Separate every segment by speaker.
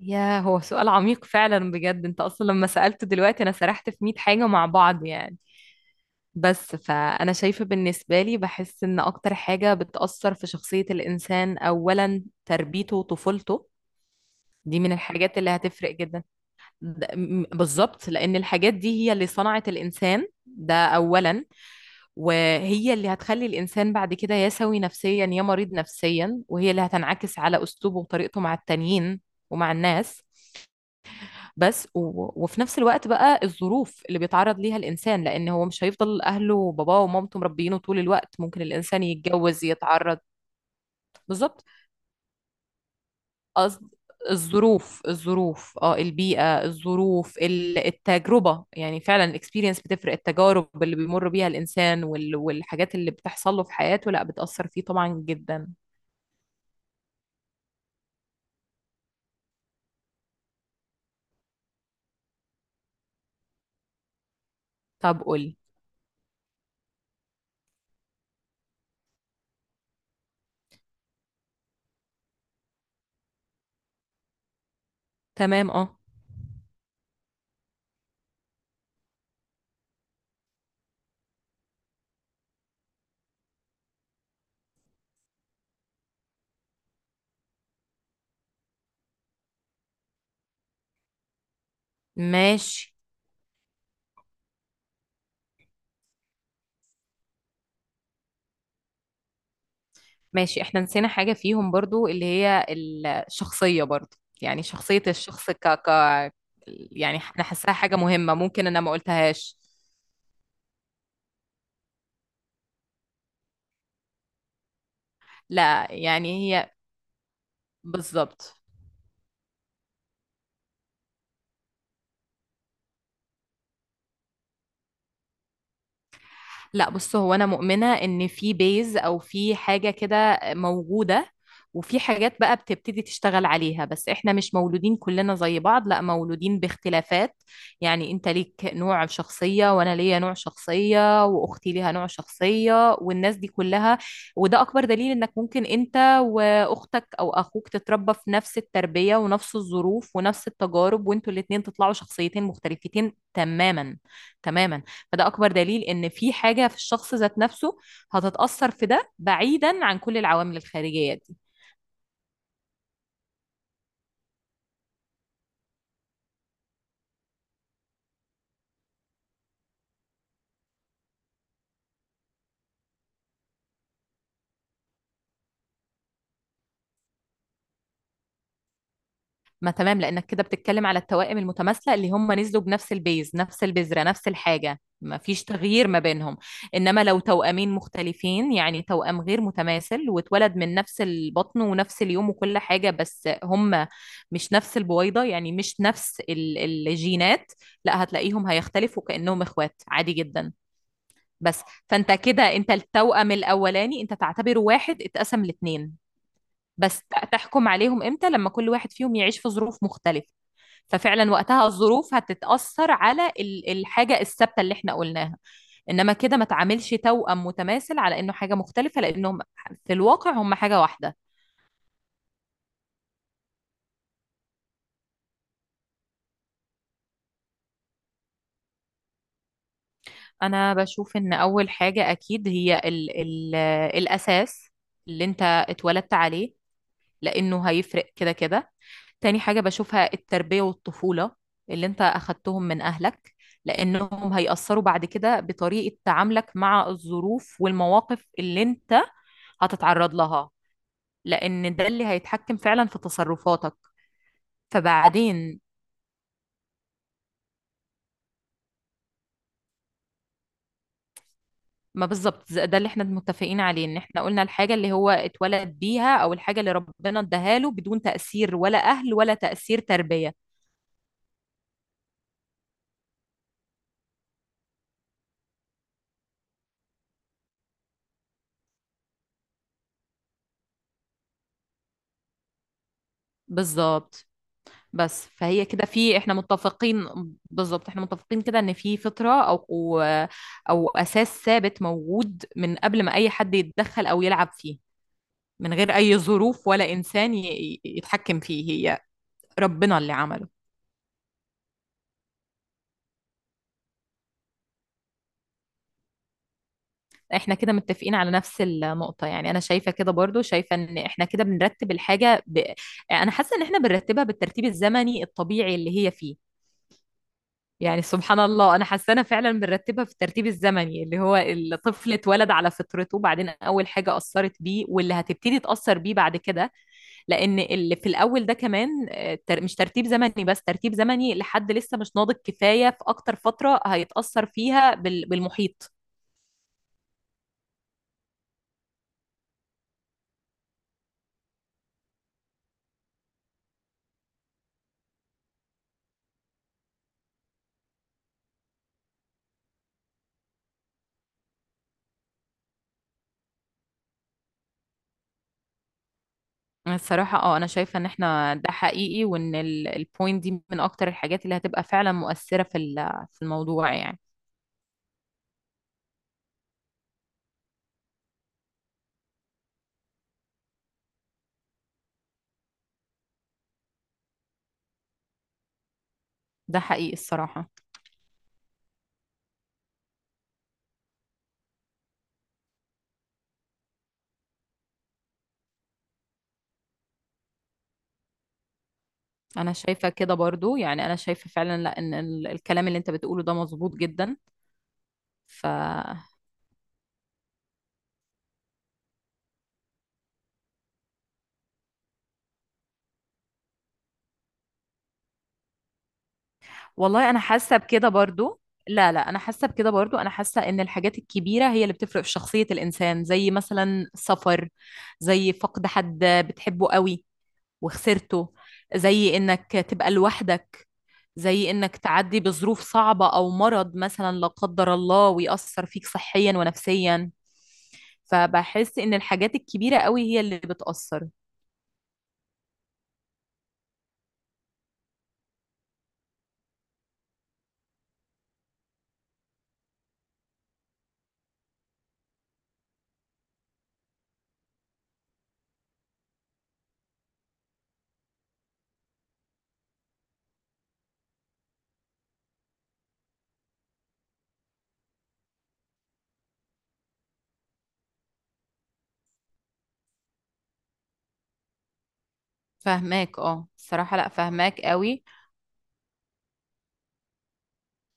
Speaker 1: يا هو سؤال عميق فعلا بجد. انت اصلا لما سألته دلوقتي انا سرحت في 100 حاجة مع بعض يعني. بس فانا شايفة بالنسبة لي بحس ان اكتر حاجة بتأثر في شخصية الانسان اولا تربيته وطفولته. دي من الحاجات اللي هتفرق جدا. بالظبط لان الحاجات دي هي اللي صنعت الانسان ده اولا، وهي اللي هتخلي الإنسان بعد كده يا سوي نفسيا يا مريض نفسيا، وهي اللي هتنعكس على أسلوبه وطريقته مع التانيين ومع الناس. بس و... وفي نفس الوقت بقى الظروف اللي بيتعرض ليها الإنسان، لأن هو مش هيفضل أهله وباباه ومامته مربيينه طول الوقت، ممكن الإنسان يتجوز يتعرض. بالظبط. قصد الظروف الظروف البيئة، الظروف التجربة، يعني فعلا الاكسبيرينس بتفرق، التجارب اللي بيمر بيها الإنسان والحاجات اللي بتحصل له في حياته لا بتأثر فيه طبعا جدا. طب قولي، تمام اه، ماشي، ماشي احنا نسينا حاجة فيهم برضو، اللي هي الشخصية برضو. يعني شخصية الشخص يعني انا حاساها حاجة مهمة ممكن انا ما قلتهاش. لا يعني هي. بالظبط. لا بص هو انا مؤمنه ان في بيز او في حاجه كده موجوده، وفي حاجات بقى بتبتدي تشتغل عليها، بس احنا مش مولودين كلنا زي بعض، لا مولودين باختلافات. يعني انت ليك نوع شخصيه وانا ليا نوع شخصيه واختي ليها نوع شخصيه والناس دي كلها. وده اكبر دليل انك ممكن انت واختك او اخوك تتربى في نفس التربيه ونفس الظروف ونفس التجارب وانتوا الاتنين تطلعوا شخصيتين مختلفتين تماما تماما. فده اكبر دليل ان في حاجه في الشخص ذات نفسه هتتاثر في ده بعيدا عن كل العوامل الخارجيه دي. ما تمام لانك كده بتتكلم على التوائم المتماثله اللي هم نزلوا بنفس البيز نفس البذره نفس الحاجه، ما فيش تغيير ما بينهم. انما لو توأمين مختلفين، يعني توأم غير متماثل واتولد من نفس البطن ونفس اليوم وكل حاجه، بس هم مش نفس البويضه، يعني مش نفس الجينات. لا هتلاقيهم هيختلفوا كانهم اخوات عادي جدا. بس فانت كده انت التوأم الاولاني انت تعتبره واحد اتقسم لاتنين. بس تحكم عليهم امتى؟ لما كل واحد فيهم يعيش في ظروف مختلفة. ففعلا وقتها الظروف هتتأثر على الحاجة الثابتة اللي احنا قلناها. انما كده ما تعاملش توأم متماثل على انه حاجة مختلفة لانهم في الواقع هم حاجة واحدة. انا بشوف ان اول حاجة اكيد هي ال ال الاساس اللي انت اتولدت عليه لانه هيفرق كده كده. تاني حاجة بشوفها التربية والطفولة اللي انت أخدتهم من أهلك، لأنهم هيأثروا بعد كده بطريقة تعاملك مع الظروف والمواقف اللي انت هتتعرض لها، لأن ده اللي هيتحكم فعلا في تصرفاتك. فبعدين. ما بالظبط ده اللي احنا متفقين عليه ان احنا قلنا الحاجة اللي هو اتولد بيها أو الحاجة اللي ربنا اداها له بدون تأثير ولا أهل ولا تأثير تربية. بالظبط. بس فهي كده في احنا متفقين. بالظبط احنا متفقين كده ان في فطرة او او أو اساس ثابت موجود من قبل ما اي حد يتدخل او يلعب فيه، من غير اي ظروف ولا انسان يتحكم فيه، هي ربنا اللي عمله. احنا كده متفقين على نفس النقطة، يعني انا شايفة كده برضو، شايفة ان احنا كده بنرتب الحاجة. انا حاسة ان احنا بنرتبها بالترتيب الزمني الطبيعي اللي هي فيه. يعني سبحان الله انا حاسه انا فعلا بنرتبها في الترتيب الزمني اللي هو الطفل اتولد على فطرته، بعدين اول حاجه اثرت بيه واللي هتبتدي تاثر بيه بعد كده. لان اللي في الاول ده كمان مش ترتيب زمني، بس ترتيب زمني لحد لسه مش ناضج كفايه، في اكتر فتره هيتاثر فيها بالمحيط. الصراحة انا شايفة ان احنا ده حقيقي، وان البوينت دي من اكتر الحاجات اللي هتبقى فعلا مؤثرة في في الموضوع يعني. ده حقيقي الصراحة. انا شايفة كده برضو، يعني انا شايفة فعلا، لا ان الكلام اللي انت بتقوله ده مظبوط جدا. ف والله انا حاسة بكده برضو. لا لا انا حاسة بكده برضو. انا حاسة ان الحاجات الكبيرة هي اللي بتفرق في شخصية الانسان، زي مثلا سفر، زي فقد حد بتحبه قوي وخسرته، زي انك تبقى لوحدك، زي انك تعدي بظروف صعبة او مرض مثلا لا قدر الله ويأثر فيك صحيا ونفسيا. فبحس ان الحاجات الكبيرة قوي هي اللي بتأثر. فاهماك اه الصراحة، لا فاهماك قوي.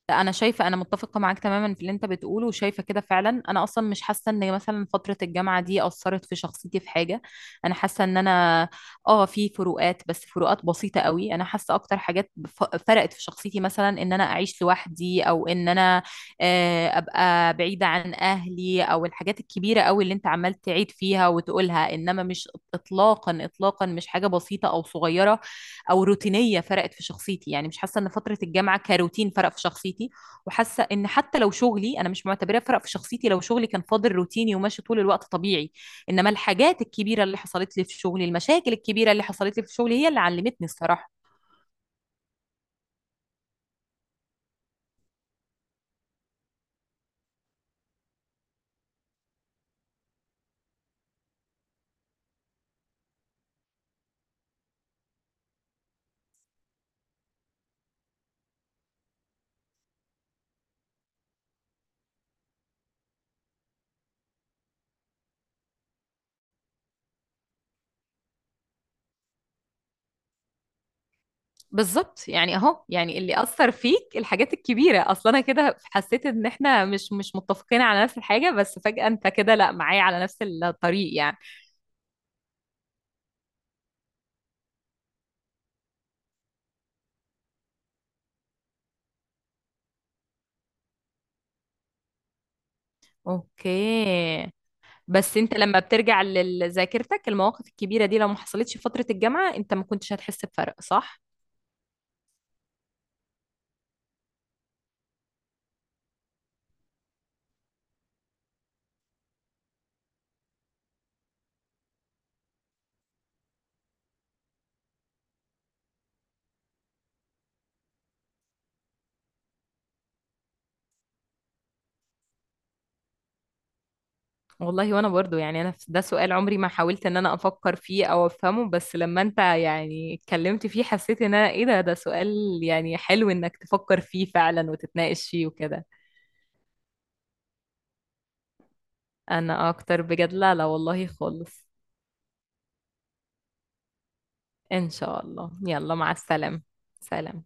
Speaker 1: لا انا شايفة انا متفقة معاك تماما في اللي انت بتقوله، وشايفة كده فعلا، انا اصلا مش حاسة ان مثلا فترة الجامعة دي اثرت في شخصيتي في حاجة. انا حاسة ان انا اه في فروقات، بس فروقات بسيطة قوي. انا حاسة اكتر حاجات فرقت في شخصيتي مثلا ان انا اعيش لوحدي او ان انا ابقى بعيدة عن اهلي، او الحاجات الكبيرة قوي اللي انت عمال تعيد فيها وتقولها، انما مش اطلاقا اطلاقا مش حاجة بسيطة او صغيرة او روتينيه فرقت في شخصيتي. يعني مش حاسه ان فتره الجامعه كروتين فرق في شخصيتي. وحاسه ان حتى لو شغلي، انا مش معتبراه فرق في شخصيتي، لو شغلي كان فاضل روتيني وماشي طول الوقت طبيعي. انما الحاجات الكبيره اللي حصلت لي في شغلي، المشاكل الكبيره اللي حصلت لي في شغلي، هي اللي علمتني الصراحه. بالظبط يعني اهو، يعني اللي اثر فيك الحاجات الكبيره اصلا. انا كده حسيت ان احنا مش متفقين على نفس الحاجه، بس فجاه انت كده لا معايا على نفس الطريق يعني. اوكي. بس انت لما بترجع لذاكرتك المواقف الكبيرة دي لو ما حصلتش في فترة الجامعة انت ما كنتش هتحس بفرق، صح؟ والله وانا برضو، يعني انا ده سؤال عمري ما حاولت ان انا افكر فيه او افهمه، بس لما انت يعني اتكلمت فيه حسيت ان انا ايه، ده سؤال يعني حلو انك تفكر فيه فعلا وتتناقش فيه وكده. انا اكتر بجد، لا لا والله خالص. ان شاء الله، يلا مع السلامة. سلام.